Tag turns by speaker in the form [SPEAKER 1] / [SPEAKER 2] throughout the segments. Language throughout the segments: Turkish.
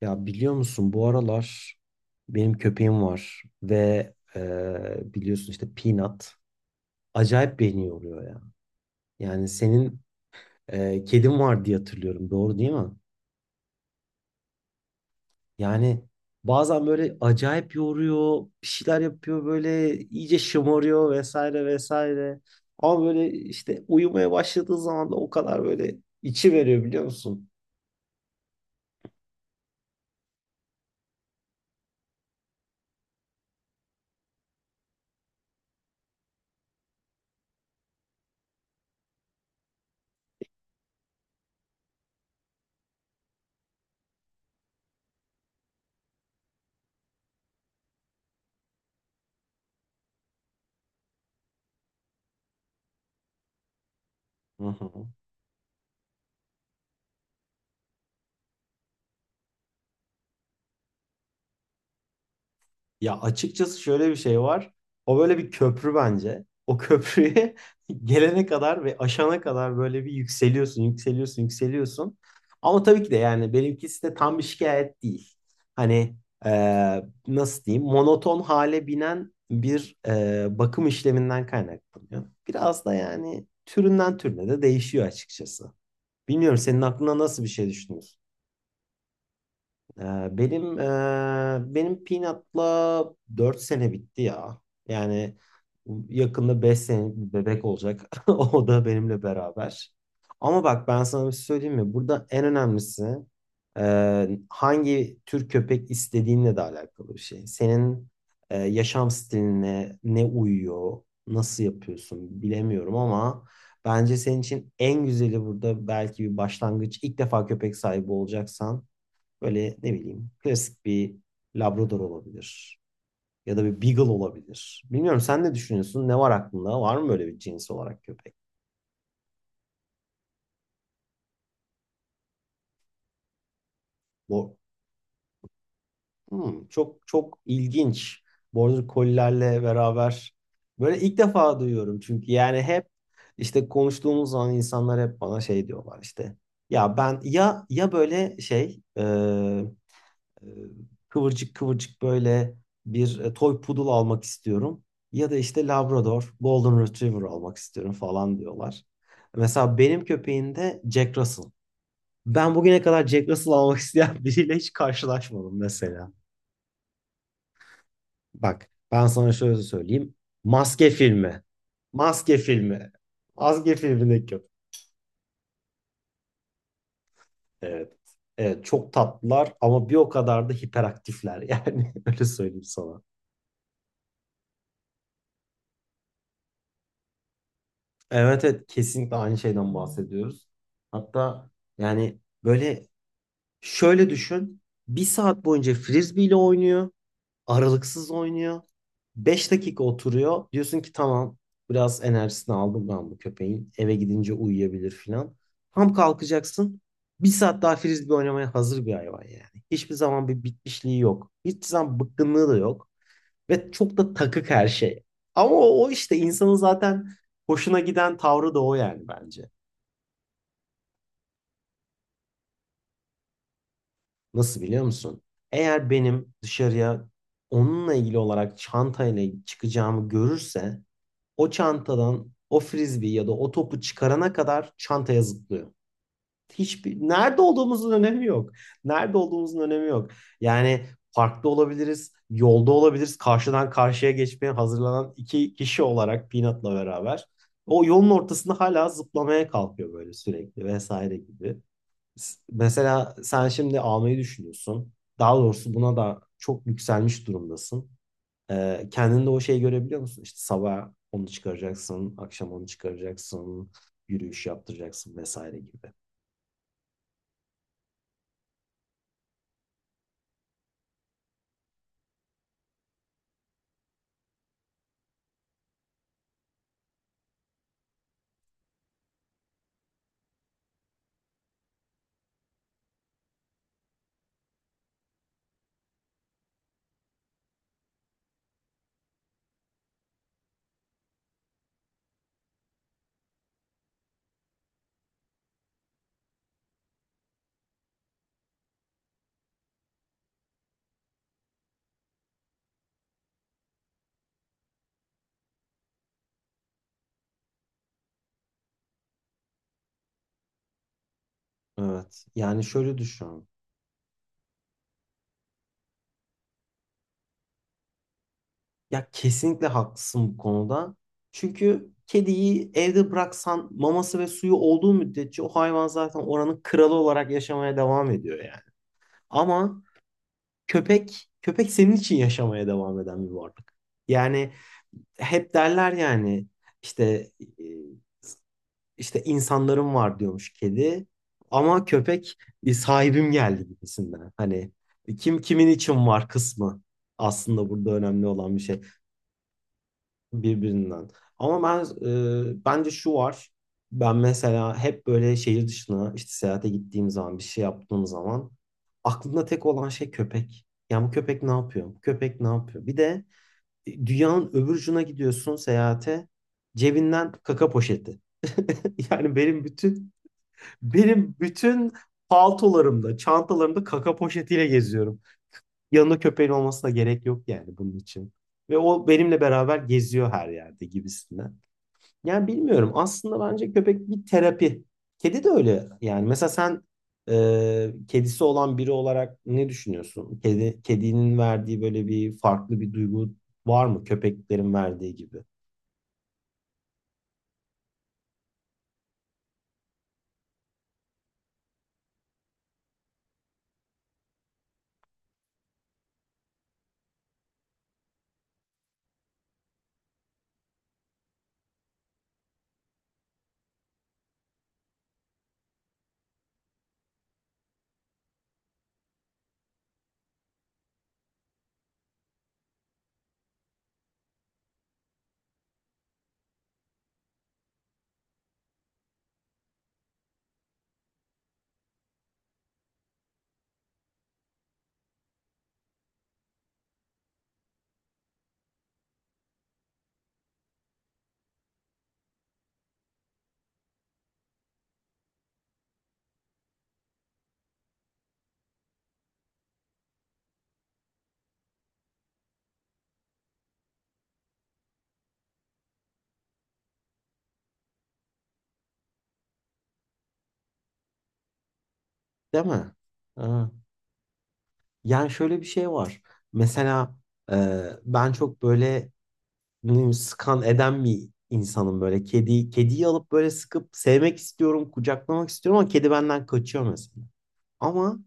[SPEAKER 1] Ya biliyor musun bu aralar benim köpeğim var ve biliyorsun işte Peanut acayip beni yoruyor ya. Yani senin kedin var diye hatırlıyorum, doğru değil mi? Yani bazen böyle acayip yoruyor, bir şeyler yapıyor, böyle iyice şımarıyor, vesaire vesaire. Ama böyle işte uyumaya başladığı zaman da o kadar böyle içi veriyor biliyor musun? Ya açıkçası şöyle bir şey var. O böyle bir köprü bence. O köprüye gelene kadar ve aşana kadar böyle bir yükseliyorsun, yükseliyorsun, yükseliyorsun. Ama tabii ki de yani benimkisi de tam bir şikayet değil. Hani nasıl diyeyim, monoton hale binen bir bakım işleminden kaynaklanıyor. Biraz da yani türünden türüne de değişiyor açıkçası. Bilmiyorum senin aklına nasıl bir şey düşünüyorsun? Ee, benim Peanut'la 4 sene bitti ya. Yani yakında 5 senelik bir bebek olacak. O da benimle beraber. Ama bak ben sana bir şey söyleyeyim mi? Burada en önemlisi hangi tür köpek istediğinle de alakalı bir şey. Senin yaşam stiline ne uyuyor, nasıl yapıyorsun bilemiyorum, ama bence senin için en güzeli burada belki bir başlangıç. İlk defa köpek sahibi olacaksan böyle ne bileyim klasik bir Labrador olabilir. Ya da bir Beagle olabilir. Bilmiyorum sen ne düşünüyorsun? Ne var aklında? Var mı böyle bir cins olarak köpek? Bu Çok çok ilginç. Border Collie'lerle beraber böyle ilk defa duyuyorum. Çünkü yani hep işte konuştuğumuz zaman insanlar hep bana şey diyorlar işte. Ya ben ya böyle şey e, kıvırcık kıvırcık böyle bir toy poodle almak istiyorum. Ya da işte Labrador, Golden Retriever almak istiyorum falan diyorlar. Mesela benim köpeğim de Jack Russell. Ben bugüne kadar Jack Russell almak isteyen biriyle hiç karşılaşmadım mesela. Bak ben sana şöyle söyleyeyim. Maske filmi. Maske filmi. Maske filmindeki köpek. Evet. Evet çok tatlılar, ama bir o kadar da hiperaktifler, yani öyle söyleyeyim sana. Evet, evet, kesinlikle aynı şeyden bahsediyoruz. Hatta yani böyle şöyle düşün. Bir saat boyunca frisbee ile oynuyor. Aralıksız oynuyor. 5 dakika oturuyor. Diyorsun ki tamam, biraz enerjisini aldım ben bu köpeğin. Eve gidince uyuyabilir filan. Tam kalkacaksın. Bir saat daha frisbee oynamaya hazır bir hayvan yani. Hiçbir zaman bir bitmişliği yok. Hiçbir zaman bıkkınlığı da yok. Ve çok da takık her şey. Ama o işte insanın zaten hoşuna giden tavrı da o yani bence. Nasıl biliyor musun? Eğer benim dışarıya onunla ilgili olarak çantayla çıkacağımı görürse o çantadan o frisbee ya da o topu çıkarana kadar çantaya zıplıyor. Nerede olduğumuzun önemi yok. Nerede olduğumuzun önemi yok. Yani parkta olabiliriz, yolda olabiliriz. Karşıdan karşıya geçmeye hazırlanan iki kişi olarak Peanut'la beraber o yolun ortasında hala zıplamaya kalkıyor böyle sürekli vesaire gibi. Mesela sen şimdi almayı düşünüyorsun. Daha doğrusu buna da çok yükselmiş durumdasın. Kendinde o şeyi görebiliyor musun? İşte sabah onu çıkaracaksın, akşam onu çıkaracaksın, yürüyüş yaptıracaksın vesaire gibi. Evet. Yani şöyle düşün. Ya kesinlikle haklısın bu konuda. Çünkü kediyi evde bıraksan maması ve suyu olduğu müddetçe o hayvan zaten oranın kralı olarak yaşamaya devam ediyor yani. Ama köpek senin için yaşamaya devam eden bir varlık. Yani hep derler yani işte İşte insanlarım var diyormuş kedi. Ama köpek sahibim geldi gibisinden. Hani kim kimin için var kısmı aslında burada önemli olan bir şey birbirinden. Ama bence şu var. Ben mesela hep böyle şehir dışına işte seyahate gittiğim zaman bir şey yaptığım zaman aklımda tek olan şey köpek. Ya bu köpek ne yapıyor? Bu köpek ne yapıyor? Bir de dünyanın öbür ucuna gidiyorsun seyahate, cebinden kaka poşeti. Yani benim bütün paltolarımda, çantalarımda kaka poşetiyle geziyorum. Yanında köpeğin olmasına gerek yok yani bunun için. Ve o benimle beraber geziyor her yerde gibisinden. Yani bilmiyorum. Aslında bence köpek bir terapi. Kedi de öyle. Yani mesela sen kedisi olan biri olarak ne düşünüyorsun? Kedinin verdiği böyle bir farklı bir duygu var mı? Köpeklerin verdiği gibi. Değil mi? Ha. Yani şöyle bir şey var. Mesela ben çok böyle bileyim, sıkan eden bir insanım böyle. Kediyi alıp böyle sıkıp sevmek istiyorum, kucaklamak istiyorum, ama kedi benden kaçıyor mesela. Ama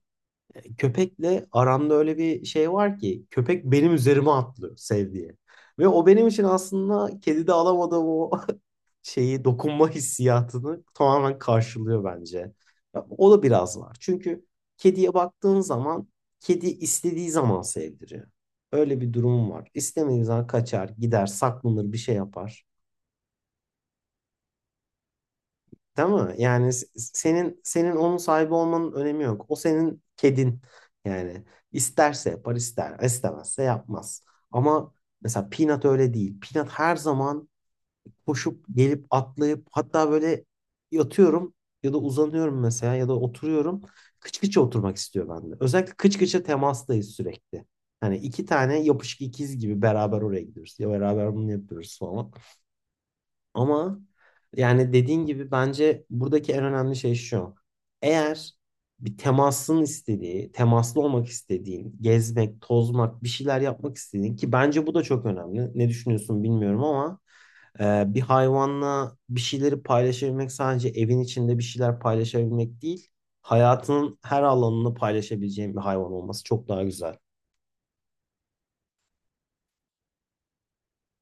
[SPEAKER 1] köpekle aramda öyle bir şey var ki köpek benim üzerime atlıyor sevdiği. Ve o benim için aslında kedide alamadığım o şeyi, dokunma hissiyatını tamamen karşılıyor bence. Ya, o da biraz var. Çünkü kediye baktığın zaman kedi istediği zaman sevdiriyor. Öyle bir durum var. İstemediği zaman kaçar, gider, saklanır, bir şey yapar. Değil mi? Yani senin onun sahibi olmanın önemi yok. O senin kedin. Yani isterse yapar, istemezse yapmaz. Ama mesela Peanut öyle değil. Peanut her zaman koşup gelip atlayıp hatta böyle yatıyorum ya da uzanıyorum mesela ya da oturuyorum. Kıç kıça oturmak istiyor bende. Özellikle kıç kıça temastayız sürekli. Hani iki tane yapışık ikiz gibi beraber oraya gidiyoruz. Ya beraber bunu yapıyoruz falan. Ama yani dediğin gibi bence buradaki en önemli şey şu. Eğer bir temasın istediği, temaslı olmak istediğin, gezmek, tozmak, bir şeyler yapmak istediğin ki bence bu da çok önemli. Ne düşünüyorsun bilmiyorum, ama bir hayvanla bir şeyleri paylaşabilmek, sadece evin içinde bir şeyler paylaşabilmek değil, hayatının her alanını paylaşabileceğin bir hayvan olması çok daha güzel.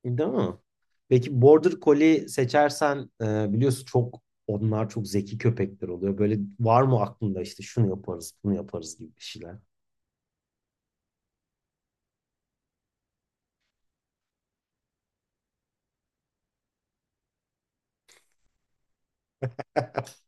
[SPEAKER 1] Değil mi? Peki Border Collie seçersen biliyorsun onlar çok zeki köpekler oluyor. Böyle var mı aklında, işte şunu yaparız, bunu yaparız gibi bir şeyler.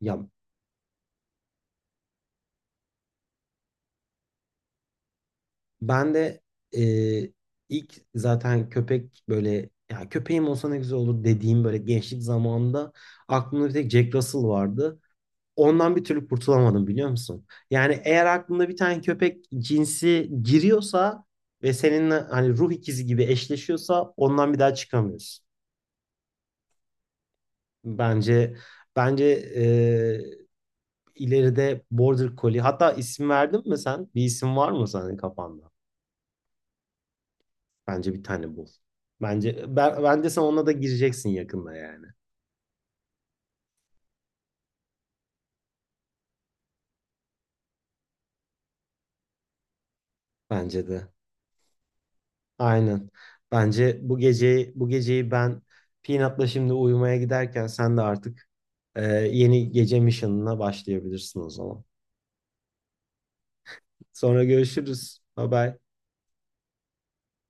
[SPEAKER 1] Ya ben de e, ilk zaten köpek böyle ya köpeğim olsa ne güzel olur dediğim böyle gençlik zamanında aklımda bir tek Jack Russell vardı. Ondan bir türlü kurtulamadım biliyor musun? Yani eğer aklında bir tane köpek cinsi giriyorsa ve seninle hani ruh ikizi gibi eşleşiyorsa ondan bir daha çıkamıyorsun. Bence bence eee, ileride Border Collie, hatta isim verdin mi sen? Bir isim var mı senin kafanda? Bence bir tane bul. Bence sen ona da gireceksin yakında yani. Bence de. Aynen. Bence bu geceyi ben Peanut'la şimdi uyumaya giderken, sen de artık Ee, yeni gece mission'ına başlayabilirsin o zaman. Sonra görüşürüz. Bye bye.